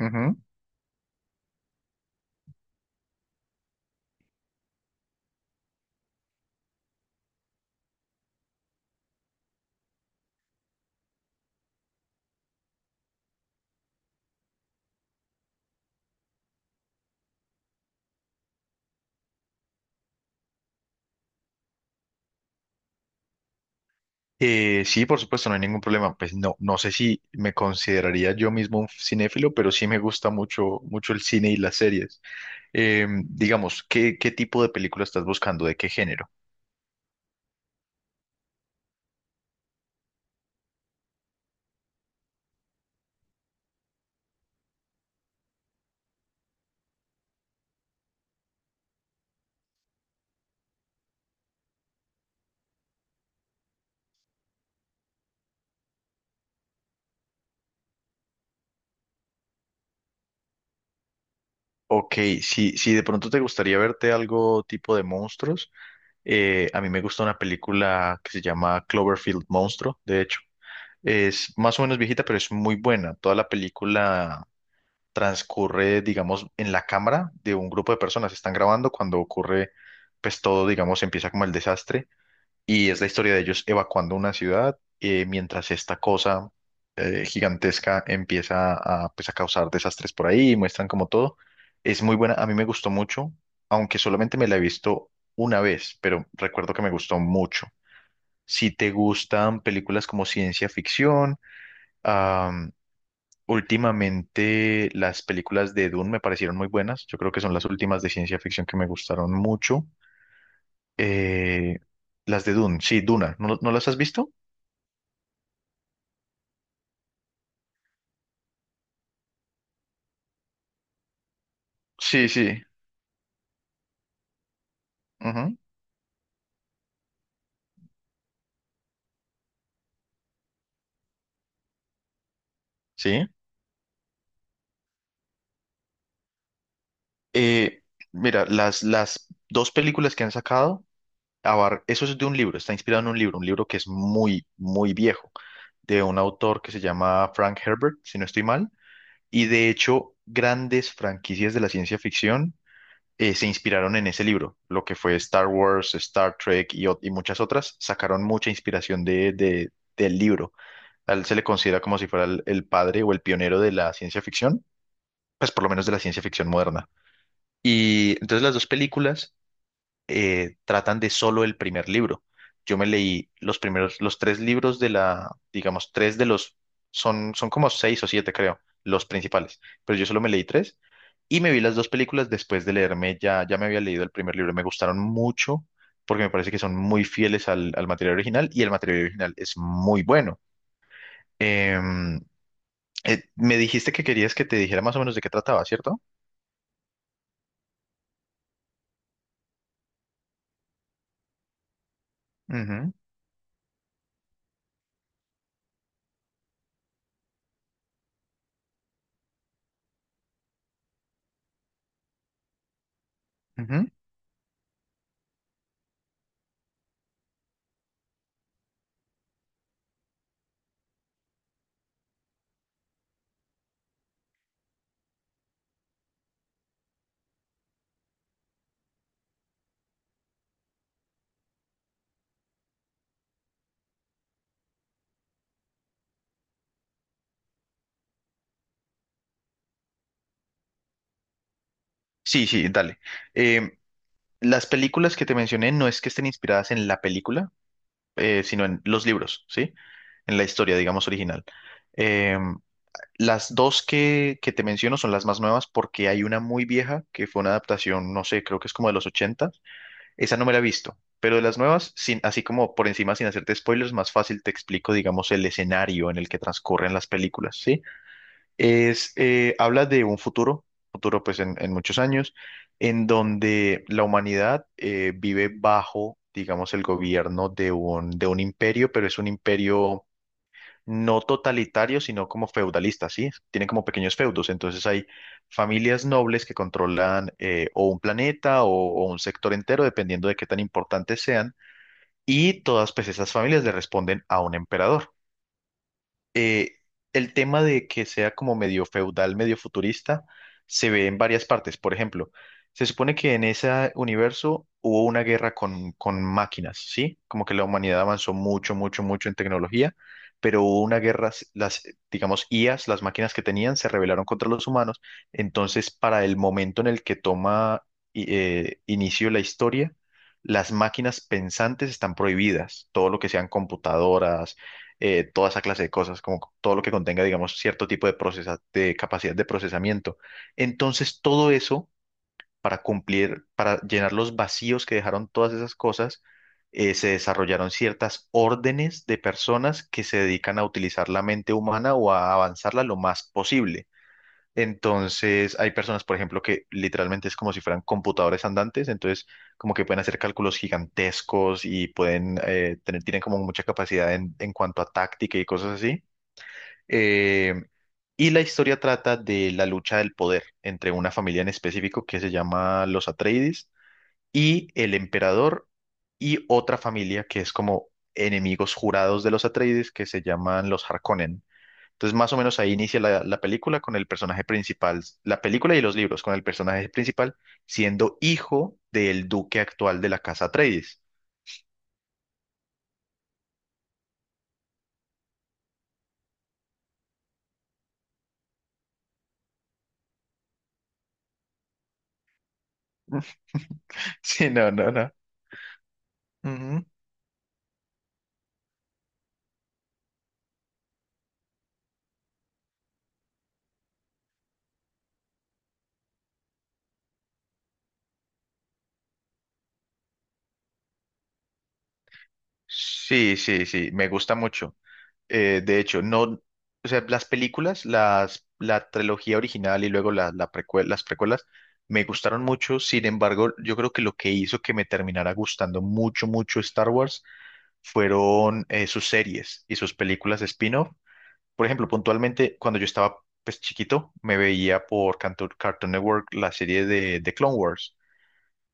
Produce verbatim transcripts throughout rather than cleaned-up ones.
Ujú. Eh, sí, por supuesto, no hay ningún problema. Pues no, no sé si me consideraría yo mismo un cinéfilo, pero sí me gusta mucho, mucho el cine y las series. Eh, digamos, ¿qué, qué tipo de película estás buscando? ¿De qué género? Ok, si, si de pronto te gustaría verte algo tipo de monstruos, eh, a mí me gusta una película que se llama Cloverfield Monstruo, de hecho. Es más o menos viejita, pero es muy buena. Toda la película transcurre, digamos, en la cámara de un grupo de personas. Están grabando cuando ocurre, pues todo, digamos, empieza como el desastre y es la historia de ellos evacuando una ciudad eh, mientras esta cosa eh, gigantesca empieza a, pues, a causar desastres por ahí muestran como todo. Es muy buena, a mí me gustó mucho, aunque solamente me la he visto una vez, pero recuerdo que me gustó mucho. Si te gustan películas como ciencia ficción, últimamente las películas de Dune me parecieron muy buenas. Yo creo que son las últimas de ciencia ficción que me gustaron mucho. Eh, las de Dune, sí, Duna. ¿No, no las has visto? Sí, sí. Ujú, sí. Eh, mira, las, las dos películas que han sacado, abar- eso es de un libro, está inspirado en un libro, un libro que es muy, muy viejo, de un autor que se llama Frank Herbert, si no estoy mal. Y de hecho, grandes franquicias de la ciencia ficción eh, se inspiraron en ese libro, lo que fue Star Wars, Star Trek y, ot- y muchas otras, sacaron mucha inspiración de, de- del libro. A él se le considera como si fuera el, el padre o el pionero de la ciencia ficción, pues por lo menos de la ciencia ficción moderna. Y entonces las dos películas eh, tratan de solo el primer libro. Yo me leí los primeros, los tres libros de la, digamos, tres de los, son, son como seis o siete, creo, los principales, pero yo solo me leí tres y me vi las dos películas después de leerme, ya, ya me había leído el primer libro, me gustaron mucho porque me parece que son muy fieles al, al material original y el material original es muy bueno. Em, eh, Me dijiste que querías que te dijera más o menos de qué trataba, ¿cierto? Ujú, ujú. Sí, sí, dale. Em, Las películas que te mencioné no es que estén inspiradas en la película, eh, sino en los libros, ¿sí? En la historia, digamos, original. Eh, las dos que, que te menciono son las más nuevas porque hay una muy vieja que fue una adaptación, no sé, creo que es como de los ochenta. Esa no me la he visto, pero de las nuevas, sin, así como por encima, sin hacerte spoilers, más fácil te explico, digamos, el escenario en el que transcurren las películas, ¿sí? Es, eh, habla de un futuro, futuro pues en, en muchos años, en donde la humanidad eh, vive bajo, digamos, el gobierno de un, de un imperio, pero es un imperio no totalitario, sino como feudalista, ¿sí? Tiene como pequeños feudos, entonces hay familias nobles que controlan eh, o un planeta o, o un sector entero, dependiendo de qué tan importantes sean, y todas pues esas familias le responden a un emperador eh, el tema de que sea como medio feudal, medio futurista, se ve en varias partes. Por ejemplo, se supone que en ese universo hubo una guerra con, con máquinas, ¿sí? Como que la humanidad avanzó mucho, mucho, mucho en tecnología, pero hubo una guerra, s- las, digamos, I As, las máquinas que tenían, se rebelaron contra los humanos. Entonces, para el momento en el que toma i- eh, inicio la historia, las máquinas pensantes están prohibidas, todo lo que sean computadoras, eh, toda esa clase de cosas, como todo lo que contenga, digamos, cierto tipo de procesa- de capacidad de procesamiento. Entonces, todo eso, para cumplir, para llenar los vacíos que dejaron todas esas cosas, eh, se desarrollaron ciertas órdenes de personas que se dedican a utilizar la mente humana o a avanzarla lo más posible. Entonces, hay personas, por ejemplo, que literalmente es como si fueran computadores andantes, entonces como que pueden hacer cálculos gigantescos y pueden eh, tener, tienen como mucha capacidad en, en cuanto a táctica y cosas así. Eh, y la historia trata de la lucha del poder entre una familia en específico que se llama los Atreides y el emperador y otra familia que es como enemigos jurados de los Atreides que se llaman los Harkonnen. Entonces, más o menos ahí inicia la, la película con el personaje principal, la película y los libros, con el personaje principal siendo hijo del duque actual de la casa Atreides. Sí, no, no, no. Ujú. Sí, sí, sí, me gusta mucho. Eh, de hecho, no, o sea, las películas, las, la trilogía original y luego la, la precue- las precuelas me gustaron mucho. Sin embargo, yo creo que lo que hizo que me terminara gustando mucho, mucho Star Wars fueron eh, sus series y sus películas spin-off. Por ejemplo, puntualmente, cuando yo estaba pues, chiquito, me veía por Cantu- Cartoon Network la serie de, de Clone Wars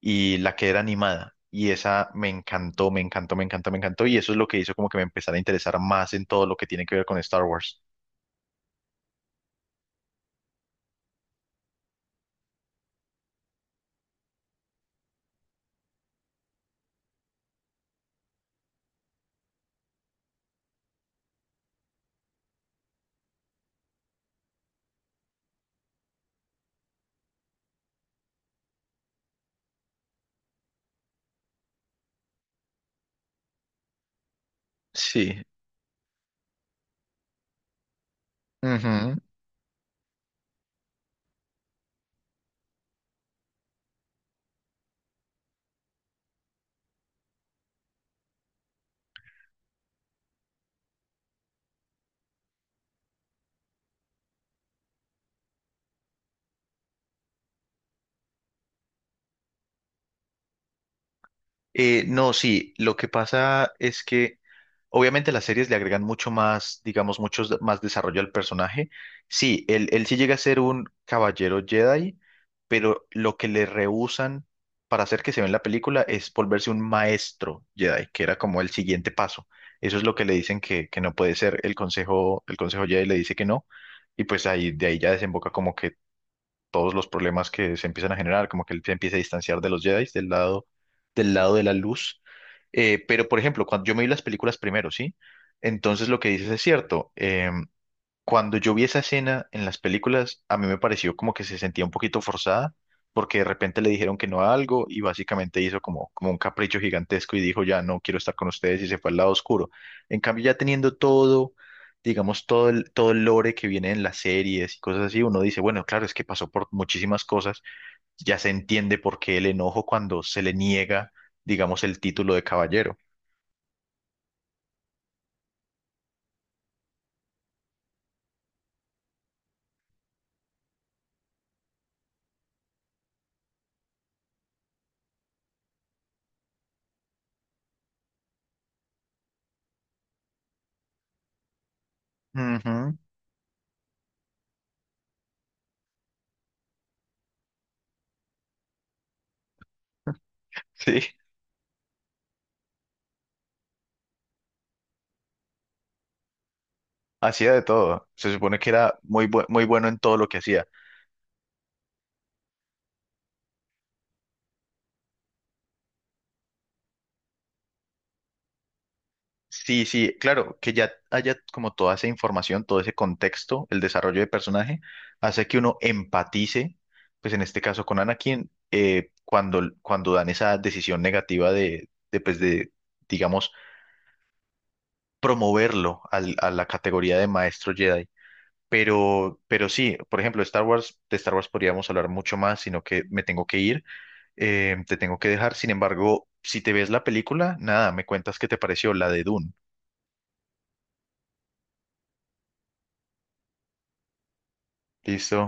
y la que era animada. Y esa me encantó, me encantó, me encantó, me encantó. Y eso es lo que hizo como que me empezara a interesar más en todo lo que tiene que ver con Star Wars. Sí. Ujú. Eh, no, sí, lo que pasa es que obviamente las series le agregan mucho más, digamos, mucho más desarrollo al personaje. Sí, él, él sí llega a ser un caballero Jedi, pero lo que le rehúsan para hacer que se vea en la película es volverse un maestro Jedi, que era como el siguiente paso. Eso es lo que le dicen que, que no puede ser. El consejo, el consejo Jedi le dice que no, y pues ahí, de ahí ya desemboca como que todos los problemas que se empiezan a generar, como que él se empieza a distanciar de los Jedi, del lado, del lado de la luz. Eh, pero, por ejemplo, cuando yo me vi las películas primero, ¿sí? Entonces lo que dices es cierto. Eh, cuando yo vi esa escena en las películas, a mí me pareció como que se sentía un poquito forzada, porque de repente le dijeron que no a algo y básicamente hizo como, como un capricho gigantesco y dijo, ya no quiero estar con ustedes y se fue al lado oscuro. En cambio, ya teniendo todo, digamos, todo el, todo el lore que viene en las series y cosas así, uno dice, bueno, claro, es que pasó por muchísimas cosas, ya se entiende por qué el enojo cuando se le niega, digamos, el título de caballero. Ujú, sí, hacía de todo. Se supone que era muy, bu- muy bueno en todo lo que hacía. Sí, sí, claro, que ya haya como toda esa información, todo ese contexto, el desarrollo de personaje, hace que uno empatice, pues en este caso con Anakin, eh, cuando, cuando dan esa decisión negativa de, de, pues de, digamos, promoverlo al- a la categoría de maestro Jedi. Pero, pero sí, por ejemplo, Star Wars, de Star Wars podríamos hablar mucho más, sino que me tengo que ir, eh, te tengo que dejar. Sin embargo, si te ves la película, nada, me cuentas qué te pareció la de Dune. ¿Listo?